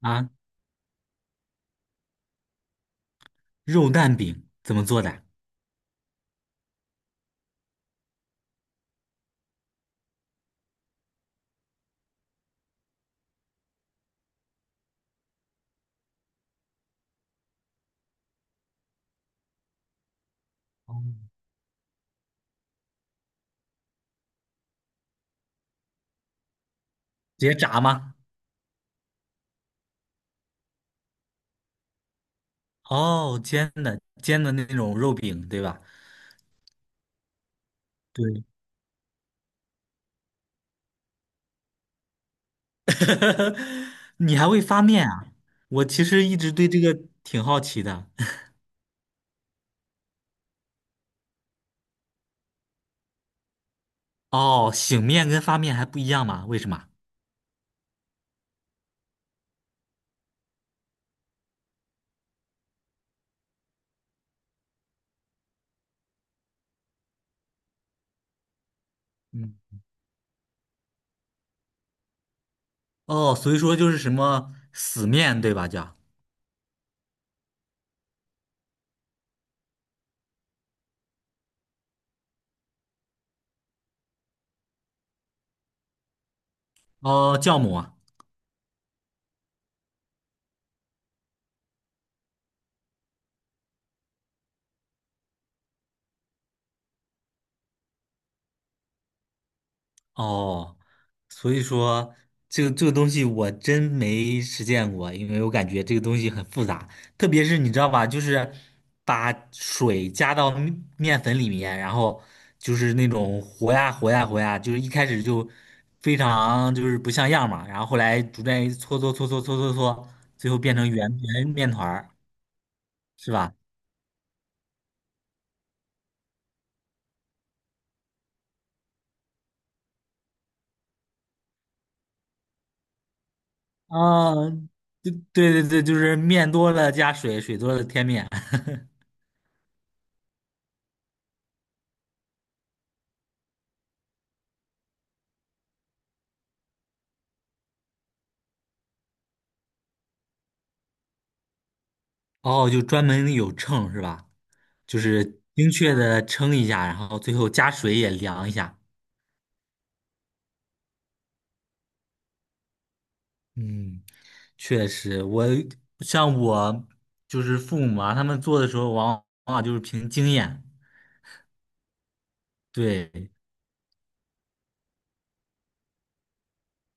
啊，肉蛋饼怎么做的？哦，直接炸吗？哦，煎的那种肉饼，对吧？对，你还会发面啊？我其实一直对这个挺好奇的。哦，醒面跟发面还不一样吗？为什么？嗯，哦，所以说就是什么死面，对吧？叫哦酵母。哦，所以说这个东西我真没实践过，因为我感觉这个东西很复杂，特别是你知道吧，就是把水加到面粉里面，然后就是那种和呀和呀和呀，就是一开始就非常就是不像样嘛，然后后来逐渐搓搓搓搓搓搓搓，最后变成圆面团儿，是吧？啊，对对对对，就是面多了加水，水多了添面，哦，就专门有秤是吧？就是精确的称一下，然后最后加水也量一下。嗯，确实，像我就是父母啊，他们做的时候往往就是凭经验，对，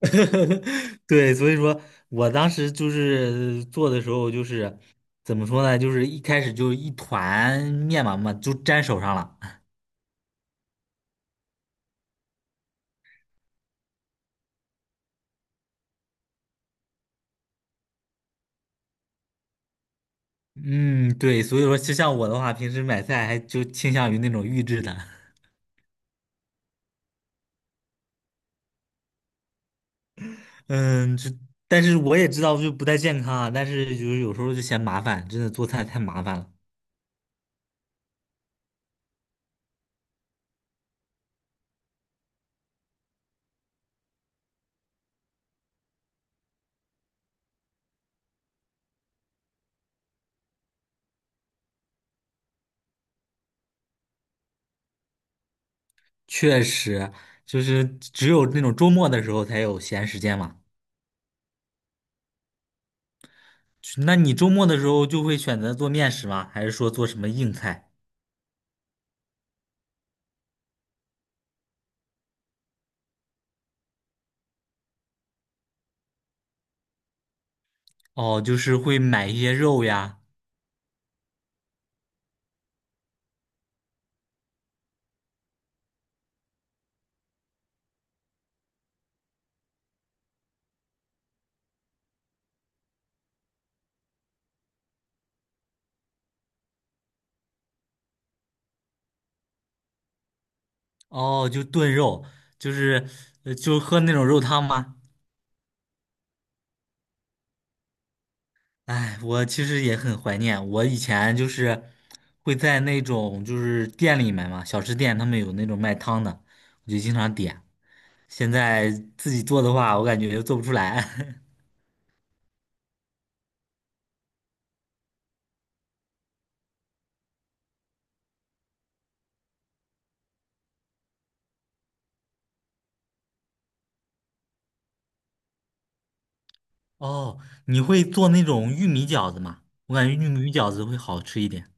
对，所以说我当时就是做的时候就是怎么说呢，就是一开始就一团面嘛就粘手上了。嗯，对，所以说就像我的话，平时买菜还就倾向于那种预制的。嗯，但是我也知道就不太健康啊，但是就是有时候就嫌麻烦，真的做菜太麻烦了。确实，就是只有那种周末的时候才有闲时间嘛。那你周末的时候就会选择做面食吗？还是说做什么硬菜？哦，就是会买一些肉呀，哦，就炖肉，就是就喝那种肉汤吗？哎，我其实也很怀念。我以前就是会在那种就是店里面嘛，小吃店他们有那种卖汤的，我就经常点。现在自己做的话，我感觉做不出来。哦，你会做那种玉米饺子吗？我感觉玉米饺子会好吃一点。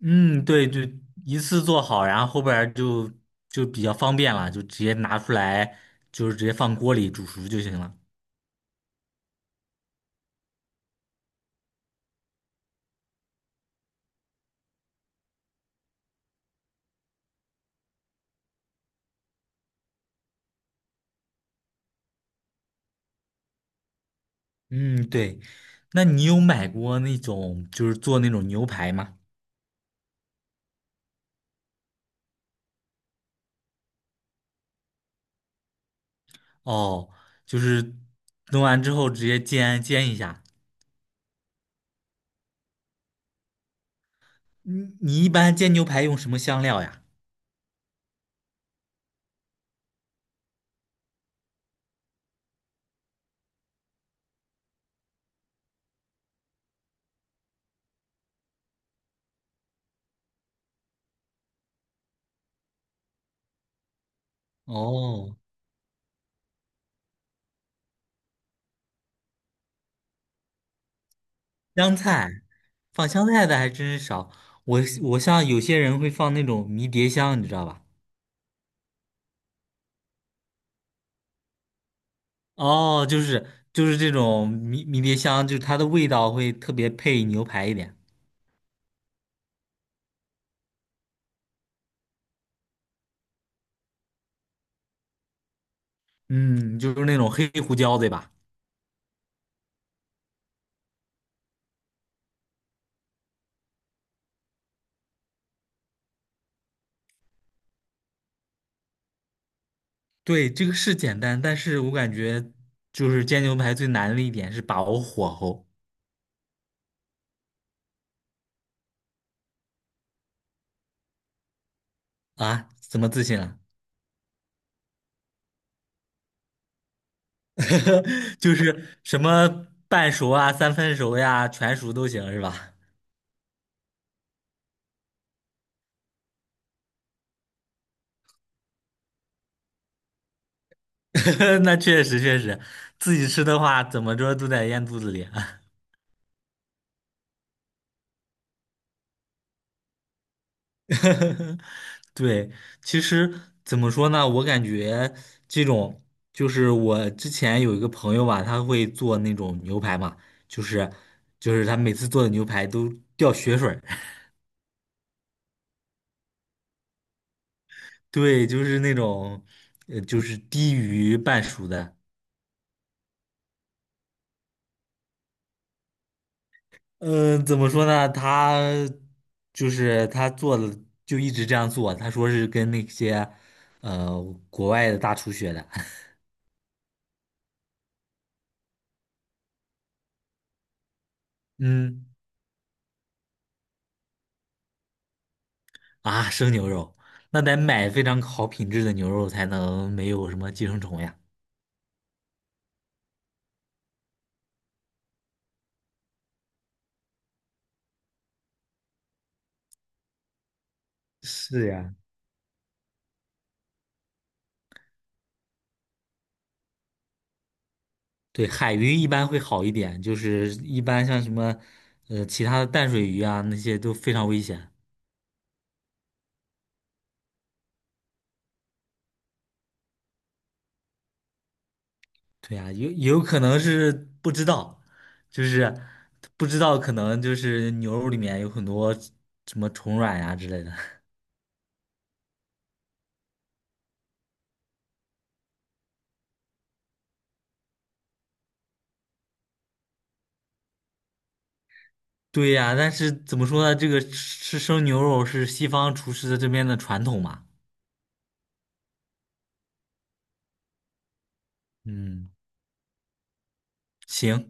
嗯，对，就一次做好，然后后边儿就比较方便了，就直接拿出来，就是直接放锅里煮熟就行了。嗯，对。那你有买过那种就是做那种牛排吗？哦，就是弄完之后直接煎一下。你一般煎牛排用什么香料呀？哦，香菜，放香菜的还真是少。我像有些人会放那种迷迭香，你知道吧？哦，就是这种迷迭香，就是它的味道会特别配牛排一点。嗯，就是那种黑胡椒，对吧？对，这个是简单，但是我感觉就是煎牛排最难的一点是把握火候啊，怎么自信了？就是什么半熟啊、三分熟呀、全熟都行是吧？那确实确实，自己吃的话怎么着都得咽肚子里啊。对，其实怎么说呢，我感觉这种就是我之前有一个朋友吧，他会做那种牛排嘛，就是就是他每次做的牛排都掉血水儿。对，就是那种，就是低于半熟的。嗯，怎么说呢？他就是他做的就一直这样做。他说是跟那些呃国外的大厨学的。嗯，啊，生牛肉，那得买非常好品质的牛肉才能没有什么寄生虫呀。是呀。对，海鱼一般会好一点，就是一般像什么，其他的淡水鱼啊那些都非常危险。对呀，有可能是不知道，就是不知道，可能就是牛肉里面有很多什么虫卵呀之类的。对呀，但是怎么说呢？这个吃生牛肉是西方厨师的这边的传统嘛。嗯，行，